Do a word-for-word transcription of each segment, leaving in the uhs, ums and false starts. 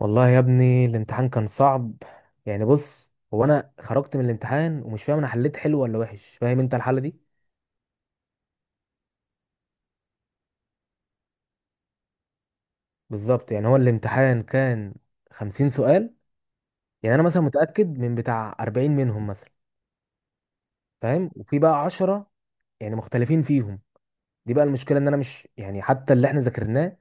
والله يا ابني الامتحان كان صعب. يعني بص، هو انا خرجت من الامتحان ومش فاهم انا حليت حلو ولا وحش. فاهم انت الحالة دي؟ بالظبط، يعني هو الامتحان كان خمسين سؤال. يعني انا مثلا متأكد من بتاع اربعين منهم مثلا، فاهم، وفي بقى عشرة يعني مختلفين فيهم. دي بقى المشكلة، ان انا مش يعني حتى اللي احنا ذاكرناه.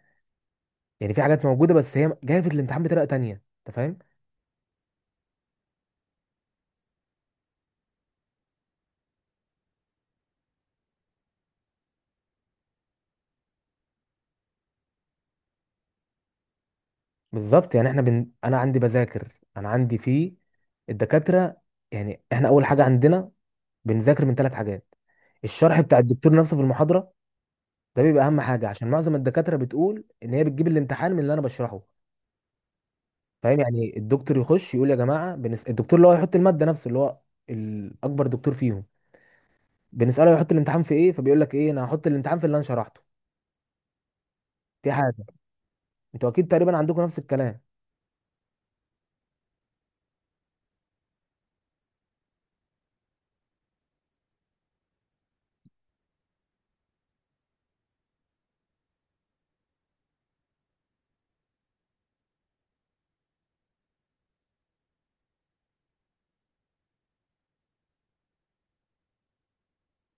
يعني في حاجات موجودة بس هي جاية في الامتحان بطريقة تانية. انت فاهم؟ بالظبط، يعني احنا بن... انا عندي بذاكر، انا عندي في الدكاترة. يعني احنا اول حاجة عندنا بنذاكر من ثلاث حاجات. الشرح بتاع الدكتور نفسه في المحاضره، ده بيبقى اهم حاجه عشان معظم الدكاتره بتقول ان هي بتجيب الامتحان من اللي انا بشرحه. فاهم؟ يعني الدكتور يخش يقول يا جماعه بنس... الدكتور اللي هو يحط الماده نفسه، اللي هو الاكبر دكتور فيهم، بنساله يحط الامتحان في ايه، فبيقول لك ايه: انا هحط الامتحان في اللي انا شرحته. دي حاجه. انتوا اكيد تقريبا عندكم نفس الكلام.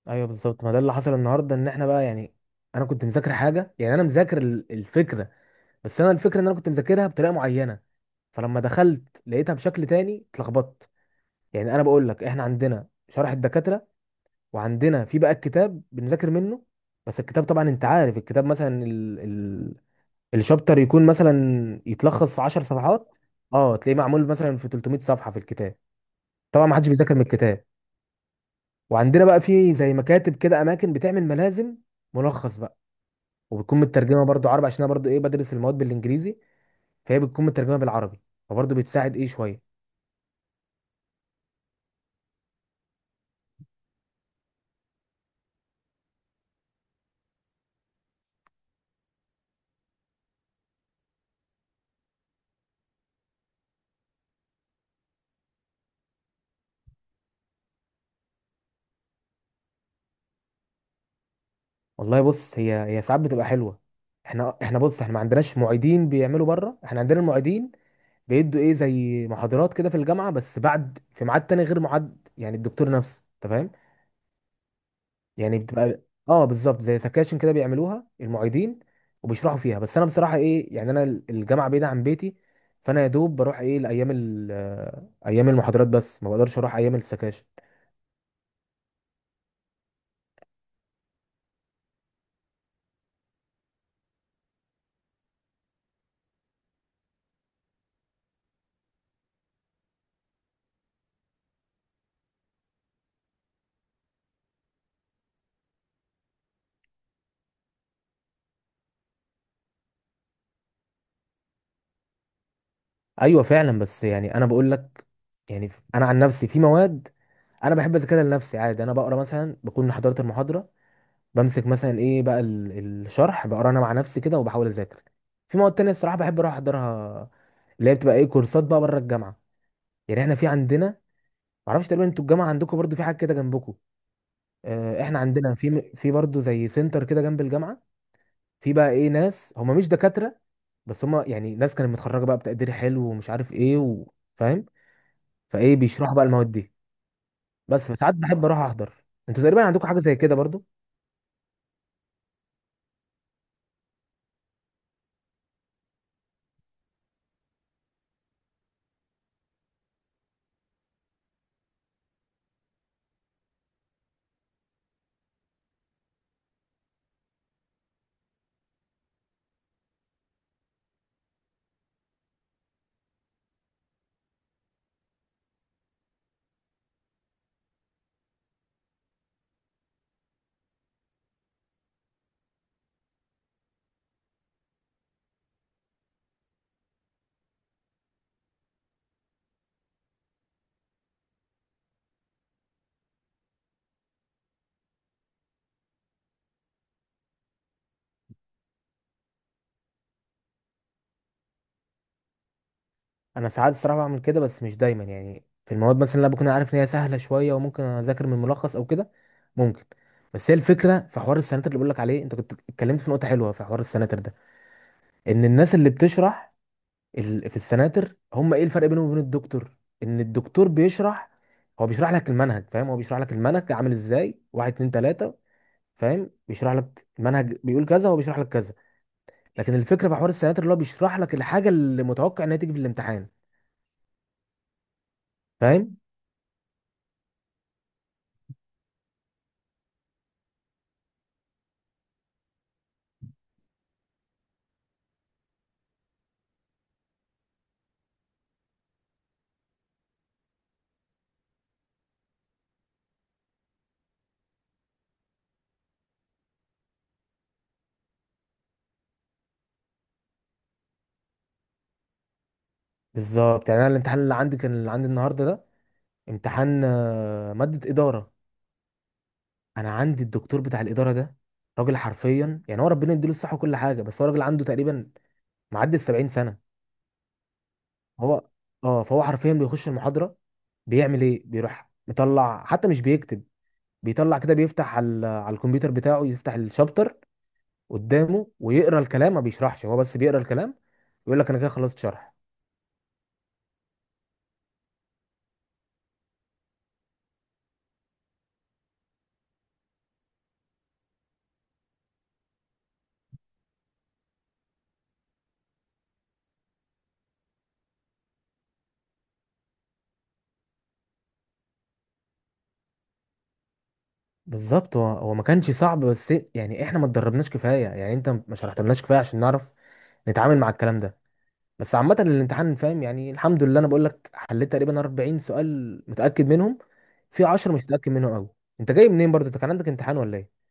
ايوه بالظبط، ما ده اللي حصل النهارده، ان احنا بقى يعني انا كنت مذاكر حاجه، يعني انا مذاكر ال- الفكره، بس انا الفكره ان انا كنت مذاكرها بطريقه معينه، فلما دخلت لقيتها بشكل تاني اتلخبطت. يعني انا بقول لك احنا عندنا شرح الدكاتره، وعندنا في بقى الكتاب بنذاكر منه. بس الكتاب طبعا انت عارف الكتاب مثلا، ال... ال... الشابتر يكون مثلا يتلخص في عشر صفحات. اه، تلاقيه معمول مثلا في تلت ميه صفحه في الكتاب. طبعا ما حدش بيذاكر من الكتاب. وعندنا بقى في زي مكاتب كده، اماكن بتعمل ملازم، ملخص بقى. وبتكون مترجمه برضو عربي، عشان انا برضو ايه بدرس المواد بالانجليزي، فهي بتكون مترجمه بالعربي، فبرضو بتساعد ايه شويه. والله بص، هي هي ساعات بتبقى حلوه. احنا احنا بص احنا ما عندناش معيدين بيعملوا بره، احنا عندنا المعيدين بيدوا ايه زي محاضرات كده في الجامعه، بس بعد في ميعاد تاني غير ميعاد يعني الدكتور نفسه، انت فاهم؟ يعني بتبقى، اه بالظبط زي سكاشن كده بيعملوها المعيدين، وبيشرحوا فيها. بس انا بصراحه ايه، يعني انا الجامعه بعيده عن بيتي، فانا يا دوب بروح ايه لايام ال- آه، ايام المحاضرات، بس ما بقدرش اروح ايام السكاشن. ايوه فعلا، بس يعني انا بقول لك، يعني ف- انا عن نفسي في مواد انا بحب اذاكرها لنفسي عادي. انا بقرا مثلا، بكون حضرت المحاضره، بمسك مثلا ايه بقى ال- الشرح، بقرا انا مع نفسي كده وبحاول اذاكر. في مواد تانية الصراحه بحب اروح احضرها، اللي هي بتبقى ايه كورسات بقى بره الجامعه. يعني احنا في عندنا، معرفش تقريبا انتوا الجامعه عندكم برضو في حاجه كده جنبكم؟ آه، احنا عندنا في في برضو زي سنتر كده جنب الجامعه. في بقى ايه ناس هم مش دكاتره، بس هم يعني ناس كانت متخرجه بقى بتقدير حلو، ومش عارف ايه و... فاهم؟ فايه بيشرحوا بقى المواد دي. بس فساعات بحب اروح احضر، انتوا تقريبا عندكم حاجه زي كده برضو؟ انا ساعات الصراحه بعمل كده بس مش دايما، يعني في المواد مثلا اللي أنا بكون عارف ان هي سهله شويه وممكن اذاكر من ملخص او كده ممكن. بس هي الفكره في حوار السناتر اللي بقول لك عليه، انت كنت اتكلمت في نقطه حلوه في حوار السناتر ده. ان الناس اللي بتشرح ال- في السناتر، هم ايه الفرق بينهم وبين الدكتور؟ ان الدكتور بيشرح، هو بيشرح لك المنهج، فاهم، هو بيشرح لك المنهج عامل ازاي، واحد اتنين تلاته، فاهم، بيشرح لك المنهج، بيقول كذا هو بيشرح لك كذا. لكن الفكره في حوار السناتر اللي هو بيشرح لك الحاجه اللي متوقع انها تيجي في الامتحان. فاهم؟ بالظبط، يعني انا الامتحان اللي عندي كان، اللي عندي النهارده ده، امتحان آه، ماده اداره. انا عندي الدكتور بتاع الاداره ده راجل حرفيا، يعني هو ربنا يديله الصحه وكل حاجه، بس هو راجل عنده تقريبا معدي ال سبعين سنه. هو اه، فهو حرفيا بيخش المحاضره، بيعمل ايه، بيروح مطلع حتى مش بيكتب. بيطلع كده بيفتح على على الكمبيوتر بتاعه، يفتح الشابتر قدامه ويقرا الكلام، ما بيشرحش هو بس بيقرا الكلام. يقول لك انا كده خلصت شرح. بالظبط، هو هو ما كانش صعب، بس يعني احنا ما اتدربناش كفايه، يعني انت ما شرحتلناش كفايه عشان نعرف نتعامل مع الكلام ده. بس عامه الامتحان، فاهم، يعني الحمد لله انا بقول لك حليت تقريبا اربعين سؤال متاكد منهم، في عشر مش متاكد منهم قوي. انت جاي منين برضه؟ انت كان عندك امتحان ولا ايه؟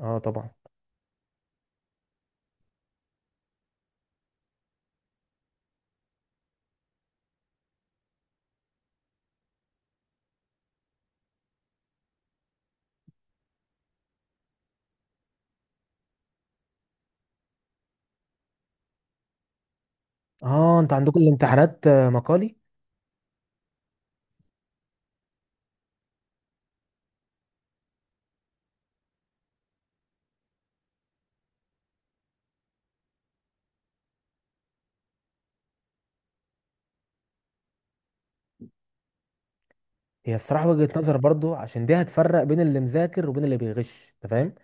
اه طبعا. اه انت عندكم الامتحانات آه، مقالي؟ هي الصراحه وجهه نظر برضه، عشان دي هتفرق بين اللي مذاكر وبين اللي بيغش، انت فاهم.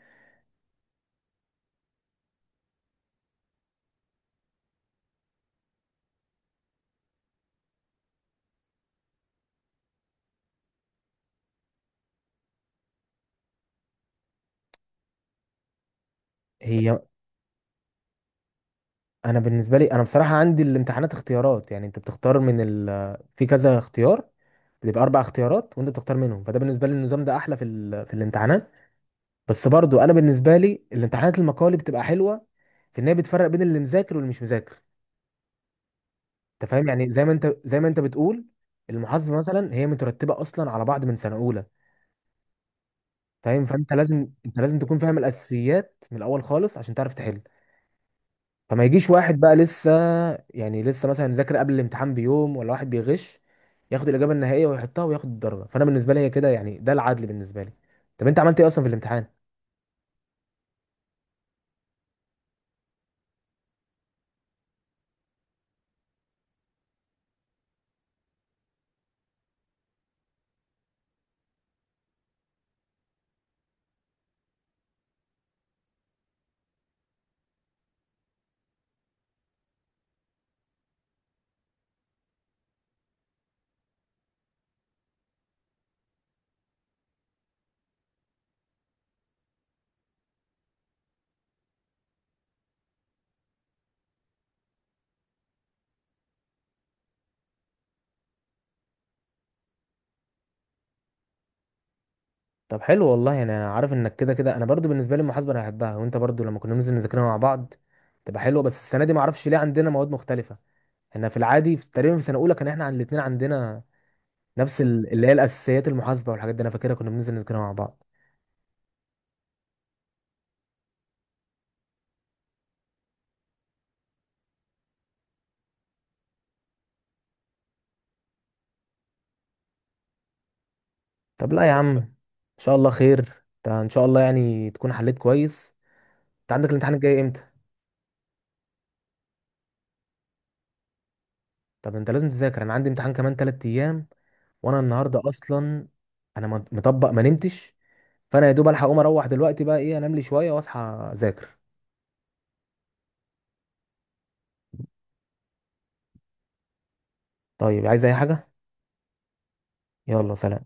هي انا بالنسبه لي، انا بصراحه عندي الامتحانات اختيارات، يعني انت بتختار من ال... في كذا اختيار، بيبقى اربع اختيارات وانت بتختار منهم، فده بالنسبه لي النظام ده احلى في ال... في الامتحانات. بس برضو انا بالنسبه لي الامتحانات المقالي بتبقى حلوه، في ان هي بتفرق بين اللي مذاكر واللي مش مذاكر. انت فاهم، يعني زي ما انت، زي ما انت بتقول، المحاسبه مثلا هي مترتبه اصلا على بعض من سنه اولى، فاهم، فانت لازم انت لازم تكون فاهم الاساسيات من الاول خالص عشان تعرف تحل. فما يجيش واحد بقى لسه، يعني لسه مثلا ذاكر قبل الامتحان بيوم، ولا واحد بيغش ياخد الاجابه النهائيه ويحطها وياخد الدرجه. فانا بالنسبه لي هي كده يعني، ده العدل بالنسبه لي. طب انت عملت ايه اصلا في الامتحان؟ طب حلو والله، يعني انا عارف انك كده كده، انا برضو بالنسبه لي المحاسبه انا بحبها، وانت برضو لما كنا ننزل نذاكرها مع بعض تبقى حلوه. بس السنه دي ما اعرفش ليه عندنا مواد مختلفه. احنا في العادي في تقريبا في سنه اولى كان احنا عن الاثنين عندنا نفس ال- اللي هي الاساسيات، المحاسبه والحاجات دي، انا فاكرها كنا بننزل نذاكرها مع بعض. طب لا يا عم، ان شاء الله خير. انت ان شاء الله يعني تكون حليت كويس. انت عندك الامتحان الجاي امتى؟ طب انت لازم تذاكر، انا عندي امتحان كمان ثلاثة ايام. وانا النهارده اصلا انا مط- مطبق ما نمتش. فانا يا دوب الحق اقوم اروح دلوقتي بقى ايه، انام لي شويه واصحى اذاكر. طيب عايز اي حاجه؟ يلا سلام.